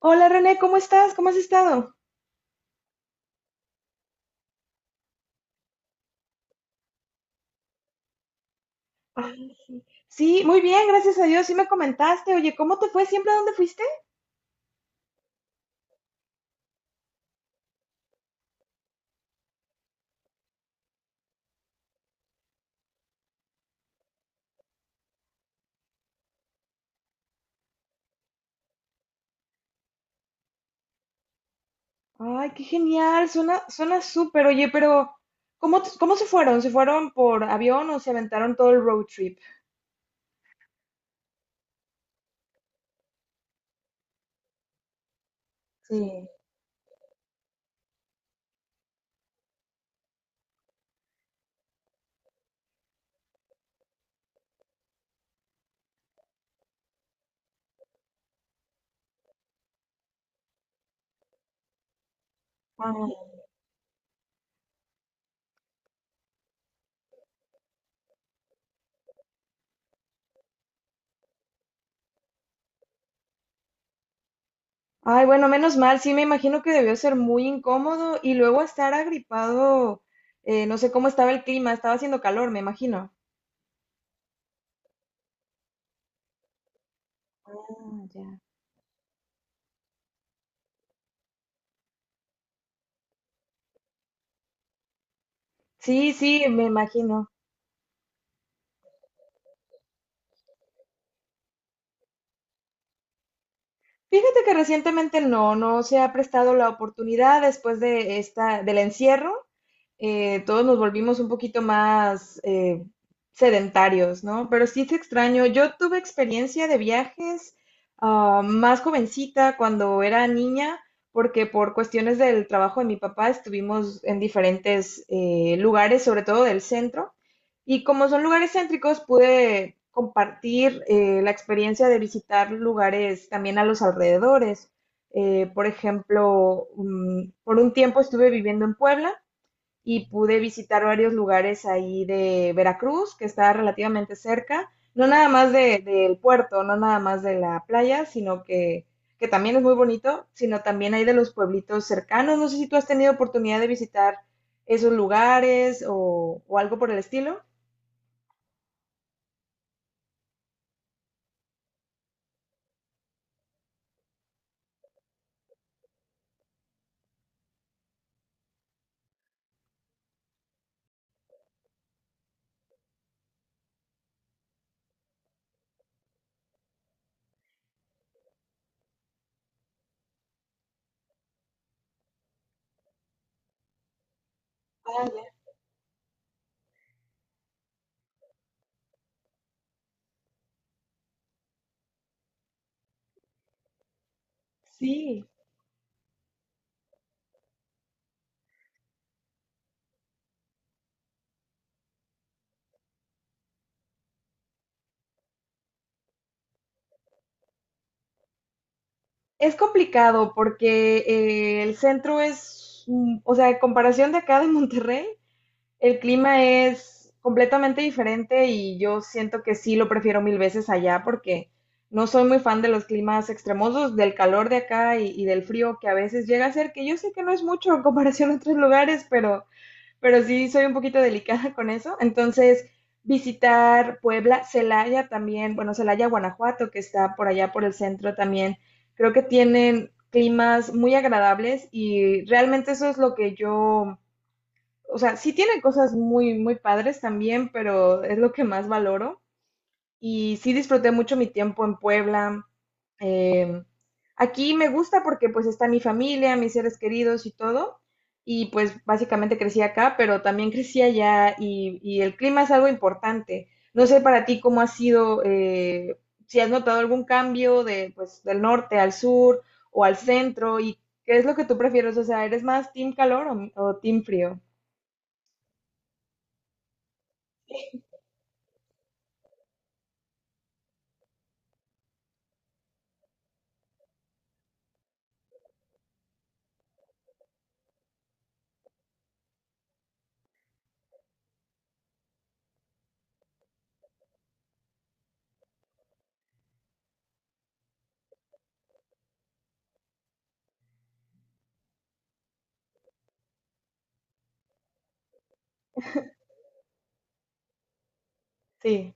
Hola René, ¿cómo estás? ¿Cómo has estado? Ay, sí. Sí, muy bien, gracias a Dios. Sí me comentaste. Oye, ¿cómo te fue siempre? ¿A dónde fuiste? Ay, qué genial. Suena súper. Oye, pero ¿cómo, cómo se fueron? ¿Se fueron por avión o se aventaron todo el road trip? Sí. Ay, bueno, menos mal, sí me imagino que debió ser muy incómodo y luego estar agripado, no sé cómo estaba el clima, estaba haciendo calor, me imagino. Ah, ya. Sí, sí, me imagino. Fíjate que recientemente no se ha prestado la oportunidad después de esta, del encierro. Todos nos volvimos un poquito más sedentarios, ¿no? Pero sí es extraño. Yo tuve experiencia de viajes más jovencita cuando era niña, porque por cuestiones del trabajo de mi papá estuvimos en diferentes lugares, sobre todo del centro. Y como son lugares céntricos, pude compartir la experiencia de visitar lugares también a los alrededores. Por ejemplo, por un tiempo estuve viviendo en Puebla y pude visitar varios lugares ahí de Veracruz, que está relativamente cerca, no nada más del puerto, no nada más de la playa, sino que también es muy bonito, sino también hay de los pueblitos cercanos. No sé si tú has tenido oportunidad de visitar esos lugares o algo por el estilo. Ah, ya. Sí, es complicado porque el centro es, mm, o sea, en comparación de acá de Monterrey, el clima es completamente diferente y yo siento que sí lo prefiero mil veces allá porque no soy muy fan de los climas extremosos, del calor de acá y del frío que a veces llega a ser, que yo sé que no es mucho en comparación a otros lugares, pero sí soy un poquito delicada con eso. Entonces, visitar Puebla, Celaya también, bueno, Celaya, Guanajuato, que está por allá por el centro también, creo que tienen climas muy agradables y realmente eso es lo que yo o sea, sí tiene cosas muy, muy padres también, pero es lo que más valoro. Y sí disfruté mucho mi tiempo en Puebla. Eh, Aquí me gusta porque pues está mi familia, mis seres queridos y todo. Y pues básicamente crecí acá, pero también crecí allá y el clima es algo importante. No sé para ti cómo ha sido, si has notado algún cambio de, pues, del norte al sur o al centro y qué es lo que tú prefieres. O sea, ¿eres más team calor o team frío? Sí,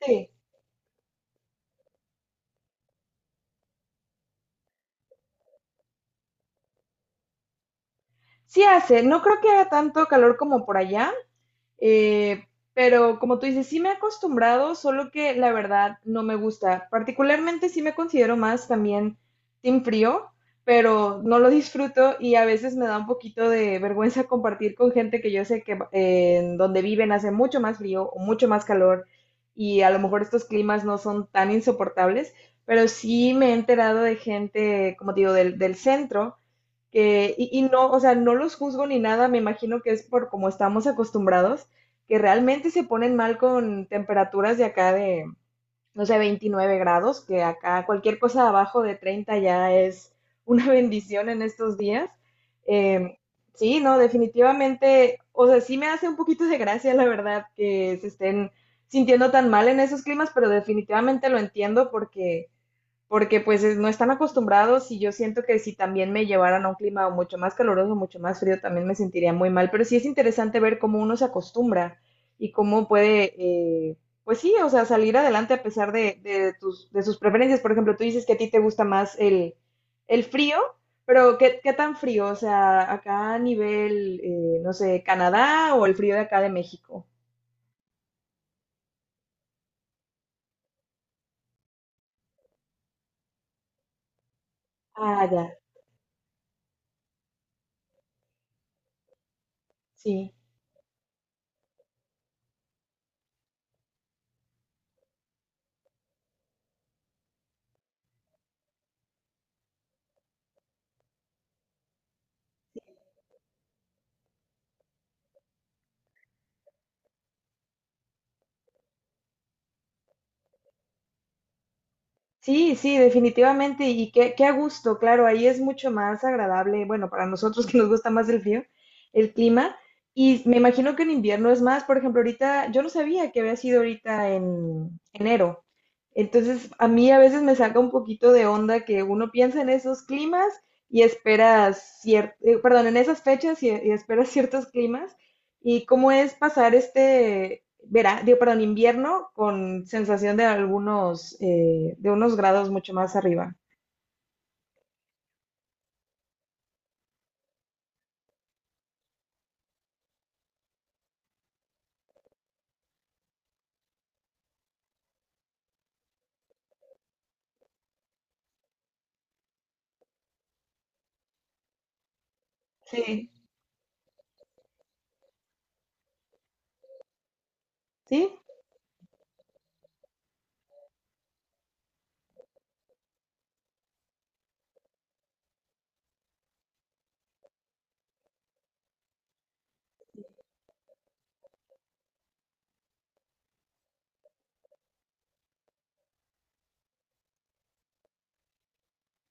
sí. Sí hace, no creo que haga tanto calor como por allá, eh, pero como tú dices, sí me he acostumbrado, solo que la verdad no me gusta. Particularmente sí me considero más también team frío, pero no lo disfruto y a veces me da un poquito de vergüenza compartir con gente que yo sé que en donde viven hace mucho más frío o mucho más calor y a lo mejor estos climas no son tan insoportables, pero sí me he enterado de gente, como te digo, del, del centro que, y no, o sea, no los juzgo ni nada, me imagino que es por como estamos acostumbrados, que realmente se ponen mal con temperaturas de acá de, no sé, 29 grados, que acá cualquier cosa abajo de 30 ya es una bendición en estos días. Eh, sí, no, definitivamente, o sea, sí me hace un poquito de gracia, la verdad, que se estén sintiendo tan mal en esos climas, pero definitivamente lo entiendo porque pues no están acostumbrados y yo siento que si también me llevaran a un clima mucho más caluroso, mucho más frío, también me sentiría muy mal, pero sí es interesante ver cómo uno se acostumbra y cómo puede, eh, pues sí, o sea, salir adelante a pesar de tus, de sus preferencias. Por ejemplo, tú dices que a ti te gusta más el frío, pero ¿qué, qué tan frío? O sea, acá a nivel, no sé, ¿Canadá o el frío de acá de México? Ah, ya, sí. Sí, sí, definitivamente. Y qué, qué a gusto, claro, ahí es mucho más agradable, bueno, para nosotros que nos gusta más el frío, el clima. Y me imagino que en invierno es más, por ejemplo, ahorita, yo no sabía que había sido ahorita en enero. Entonces, a mí a veces me saca un poquito de onda que uno piensa en esos climas y espera cierto, perdón, en esas fechas y espera ciertos climas. ¿Y cómo es pasar este verano, digo, perdón, invierno con sensación de algunos, de unos grados mucho más arriba? Sí. ¿Sí?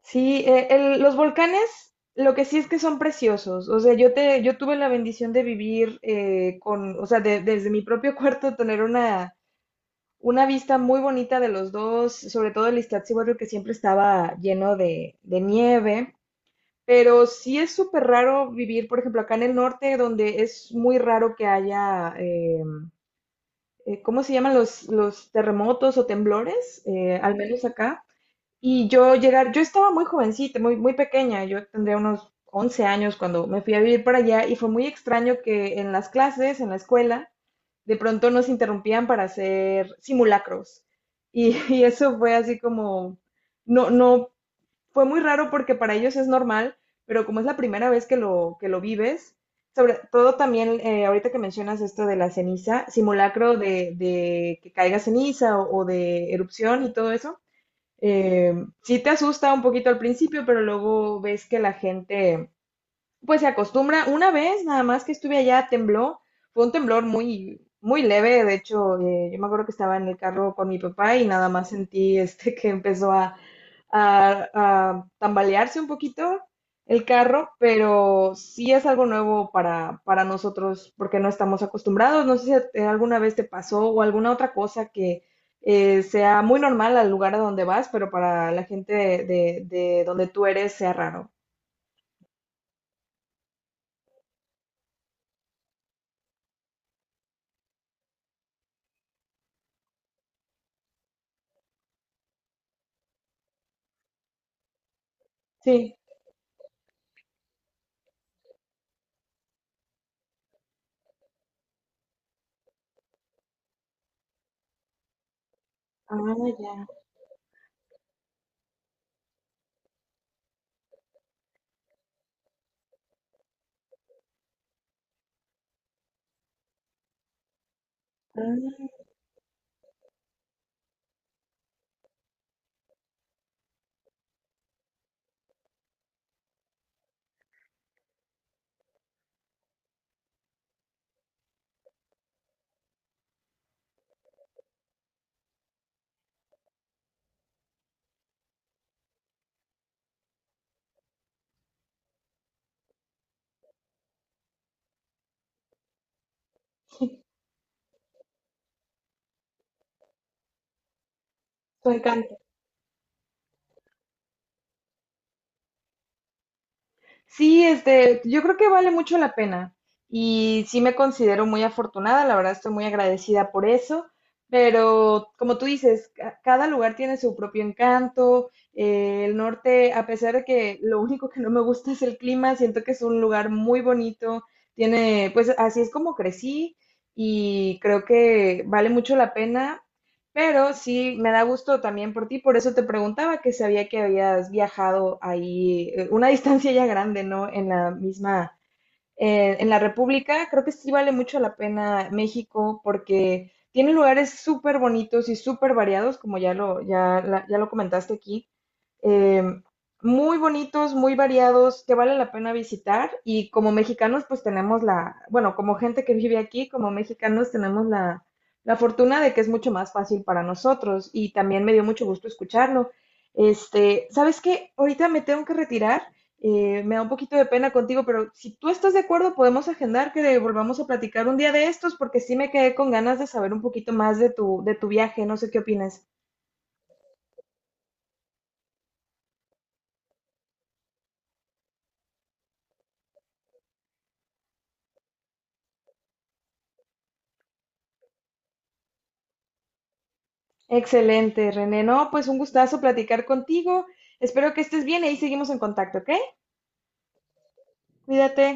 Sí, los volcanes, lo que sí es que son preciosos. O sea, yo tuve la bendición de vivir con, o sea, desde mi propio cuarto tener una vista muy bonita de los dos, sobre todo el Iztaccíhuatl, que siempre estaba lleno de nieve. Pero sí es súper raro vivir, por ejemplo, acá en el norte, donde es muy raro que haya, ¿cómo se llaman los terremotos o temblores? Al menos acá. Y yo llegar, yo estaba muy jovencita, muy, muy pequeña, yo tendría unos 11 años cuando me fui a vivir para allá y fue muy extraño que en las clases, en la escuela, de pronto nos interrumpían para hacer simulacros. Y, y eso fue así como, no, no, fue muy raro porque para ellos es normal, pero como es la primera vez que lo vives, sobre todo también, ahorita que mencionas esto de la ceniza, simulacro de que caiga ceniza o de erupción y todo eso, eh, sí te asusta un poquito al principio, pero luego ves que la gente pues se acostumbra. Una vez nada más que estuve allá, tembló. Fue un temblor muy, muy leve. De hecho, yo me acuerdo que estaba en el carro con mi papá y nada más sentí este que empezó a, a tambalearse un poquito el carro, pero sí es algo nuevo para nosotros porque no estamos acostumbrados. No sé si alguna vez te pasó o alguna otra cosa que sea muy normal al lugar a donde vas, pero para la gente de, de donde tú eres sea raro. Sí. Ah, ya. Mm, su encanto. Sí, este, yo creo que vale mucho la pena y sí me considero muy afortunada, la verdad estoy muy agradecida por eso, pero como tú dices, cada lugar tiene su propio encanto, el norte, a pesar de que lo único que no me gusta es el clima, siento que es un lugar muy bonito, tiene, pues así es como crecí y creo que vale mucho la pena. Pero sí, me da gusto también por ti, por eso te preguntaba que sabía que habías viajado ahí una distancia ya grande, ¿no? En la misma, en la República, creo que sí vale mucho la pena México porque tiene lugares súper bonitos y súper variados, como ya lo, ya, ya lo comentaste aquí, eh, muy bonitos, muy variados, que vale la pena visitar. Y como mexicanos, pues tenemos la, bueno, como gente que vive aquí, como mexicanos tenemos la, la fortuna de que es mucho más fácil para nosotros. Y también me dio mucho gusto escucharlo. Este, ¿sabes qué? Ahorita me tengo que retirar. Me da un poquito de pena contigo, pero si tú estás de acuerdo, podemos agendar que volvamos a platicar un día de estos, porque sí me quedé con ganas de saber un poquito más de tu viaje. No sé qué opinas. Excelente, René. No, pues un gustazo platicar contigo. Espero que estés bien y ahí seguimos en contacto, ¿ok? Cuídate.